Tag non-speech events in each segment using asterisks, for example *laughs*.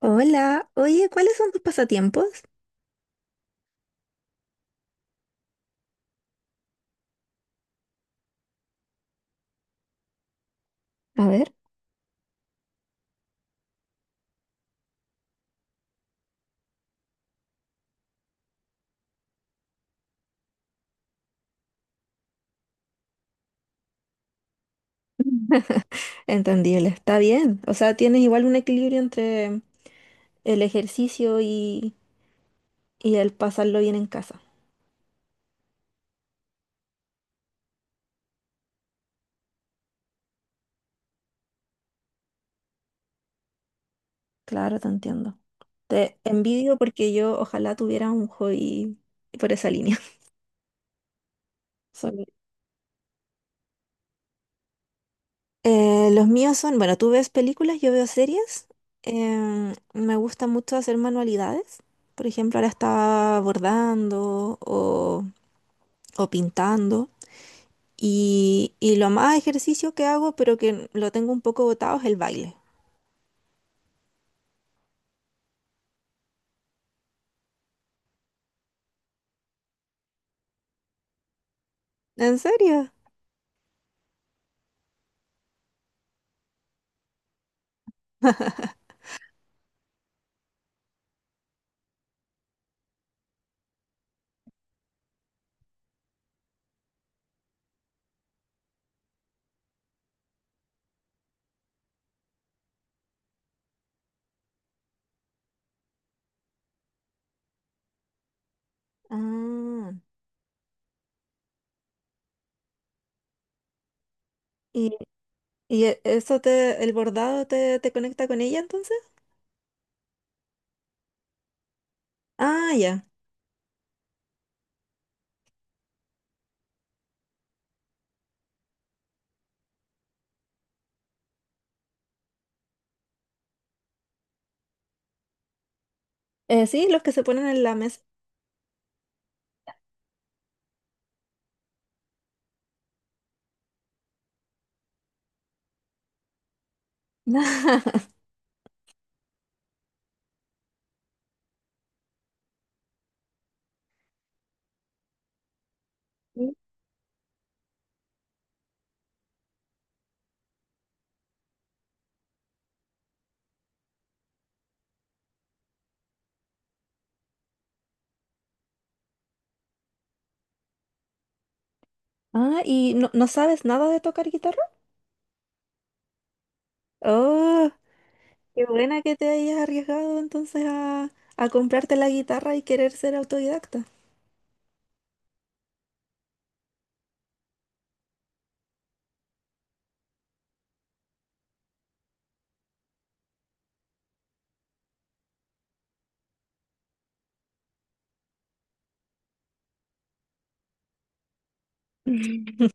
Hola, oye, ¿cuáles son tus pasatiempos? A ver. *laughs* Entendible, está bien. O sea, tienes igual un equilibrio entre el ejercicio y el pasarlo bien en casa. Claro, te entiendo. Te envidio porque yo ojalá tuviera un hobby por esa línea. *laughs* Soy- los míos son, bueno, tú ves películas, yo veo series. Me gusta mucho hacer manualidades. Por ejemplo, ahora estaba o pintando. Y lo más ejercicio que hago, pero que lo tengo un poco botado, es el baile. ¿En serio? Ah, ¿y, y e- eso te, el bordado te, te conecta con ella entonces? Ah, ya. Sí, los que se ponen en la mesa. *laughs* Sí. Ah, ¿y no, no sabes nada de tocar guitarra? Oh, qué buena que te hayas arriesgado a comprarte la guitarra y querer ser autodidacta. *laughs*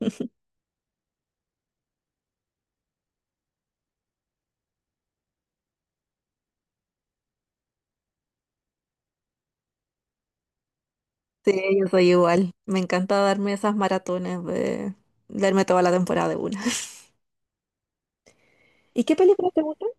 Sí, yo soy igual. Me encanta darme esas maratones de darme toda la temporada de una. *laughs* ¿Y qué películas te gustan?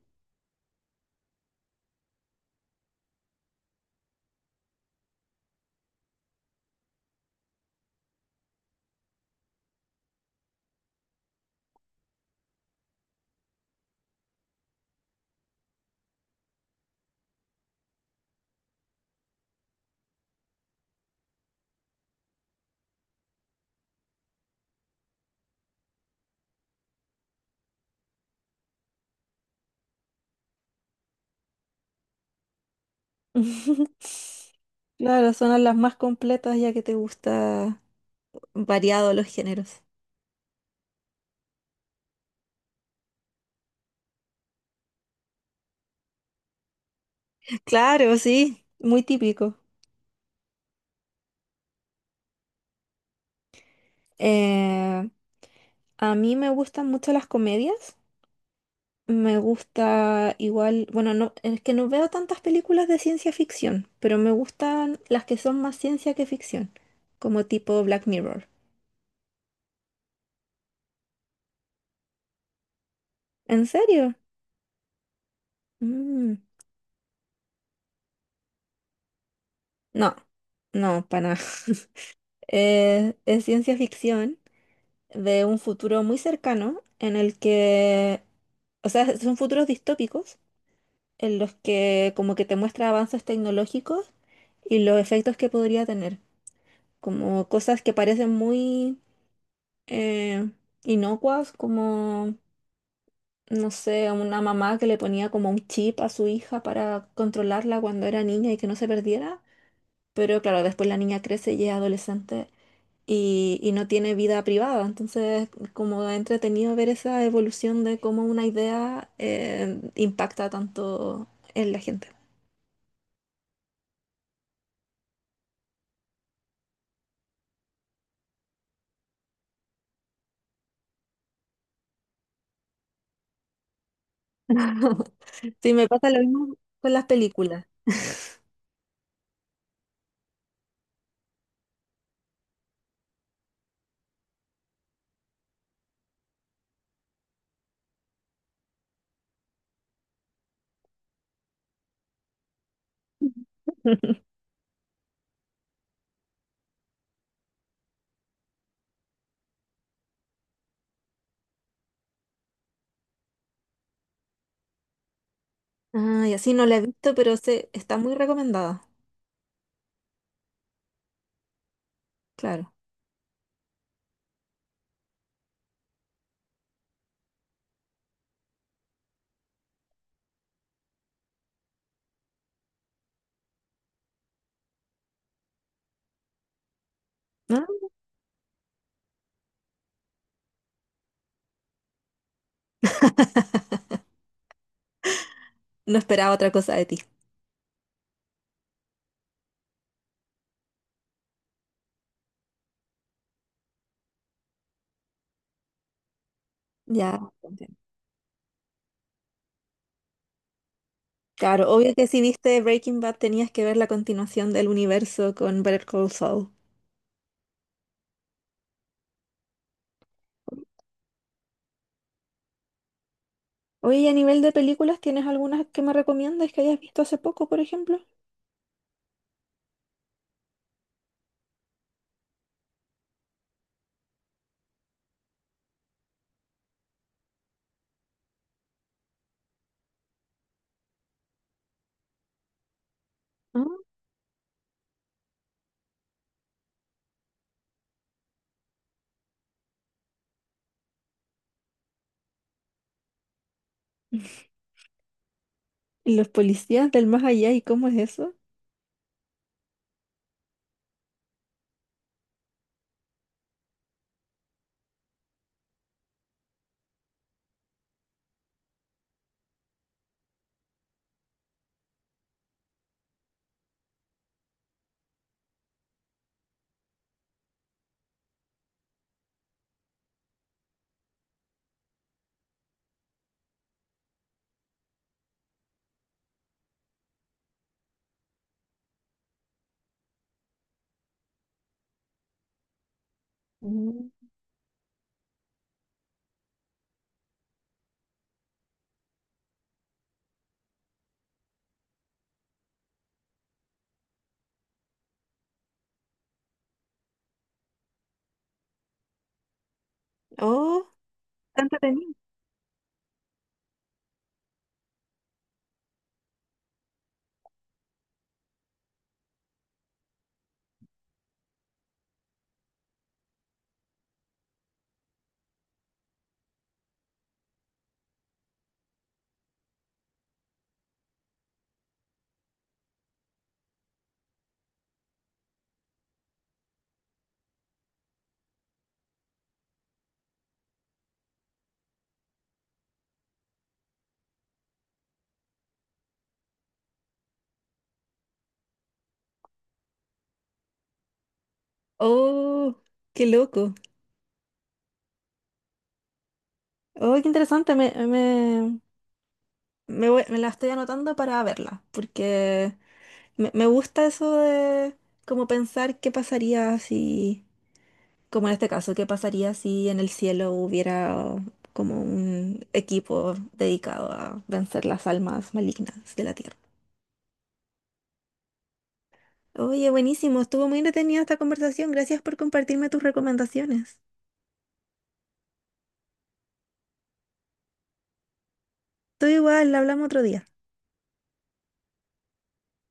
*laughs* Claro, son las más completas ya que te gusta variado los géneros. Claro, sí, muy típico. Eh, a mí me gustan mucho las comedias. Me gusta igual, bueno, no, es que no veo tantas películas de ciencia ficción, pero me gustan las que son más ciencia que ficción, como tipo Black Mirror. ¿En serio? Mm. No, no, para nada. *laughs* Es ciencia ficción de un futuro muy cercano en el que, o sea, son futuros distópicos en los que como que te muestra avances tecnológicos y los efectos que podría tener, como cosas que parecen muy eh, inocuas, como, no sé, una mamá que le ponía como un chip a su hija para controlarla cuando era niña y que no se perdiera, pero claro, después la niña crece y es adolescente. Y no tiene vida privada. Entonces, como entretenido ver esa evolución de cómo una idea impacta tanto en la gente. *laughs* Sí, me pasa lo mismo con las películas. *laughs* Ah, y así no la he visto, pero sé, está muy recomendada. Claro. Ah. No esperaba otra cosa de ti. Ya. *laughs* Entiendo. Claro, obvio que si viste Breaking Bad tenías que ver la continuación del universo con Better Call Saul. Oye, y a nivel de películas, ¿tienes algunas que me recomiendas que hayas visto hace poco, por ejemplo? Ah, ¿y los policías del más allá? ¿Y cómo es eso? Mm. Oh. Tanto entretenido. Oh, qué loco. Oh, qué interesante. Me voy- me la estoy anotando para verla, porque me gusta eso de como pensar qué pasaría si, como en este caso, qué pasaría si en el cielo hubiera como un equipo dedicado a vencer las almas malignas de la tierra. Oye, buenísimo, estuvo muy entretenida esta conversación. Gracias por compartirme tus recomendaciones. Tú igual, la hablamos otro día.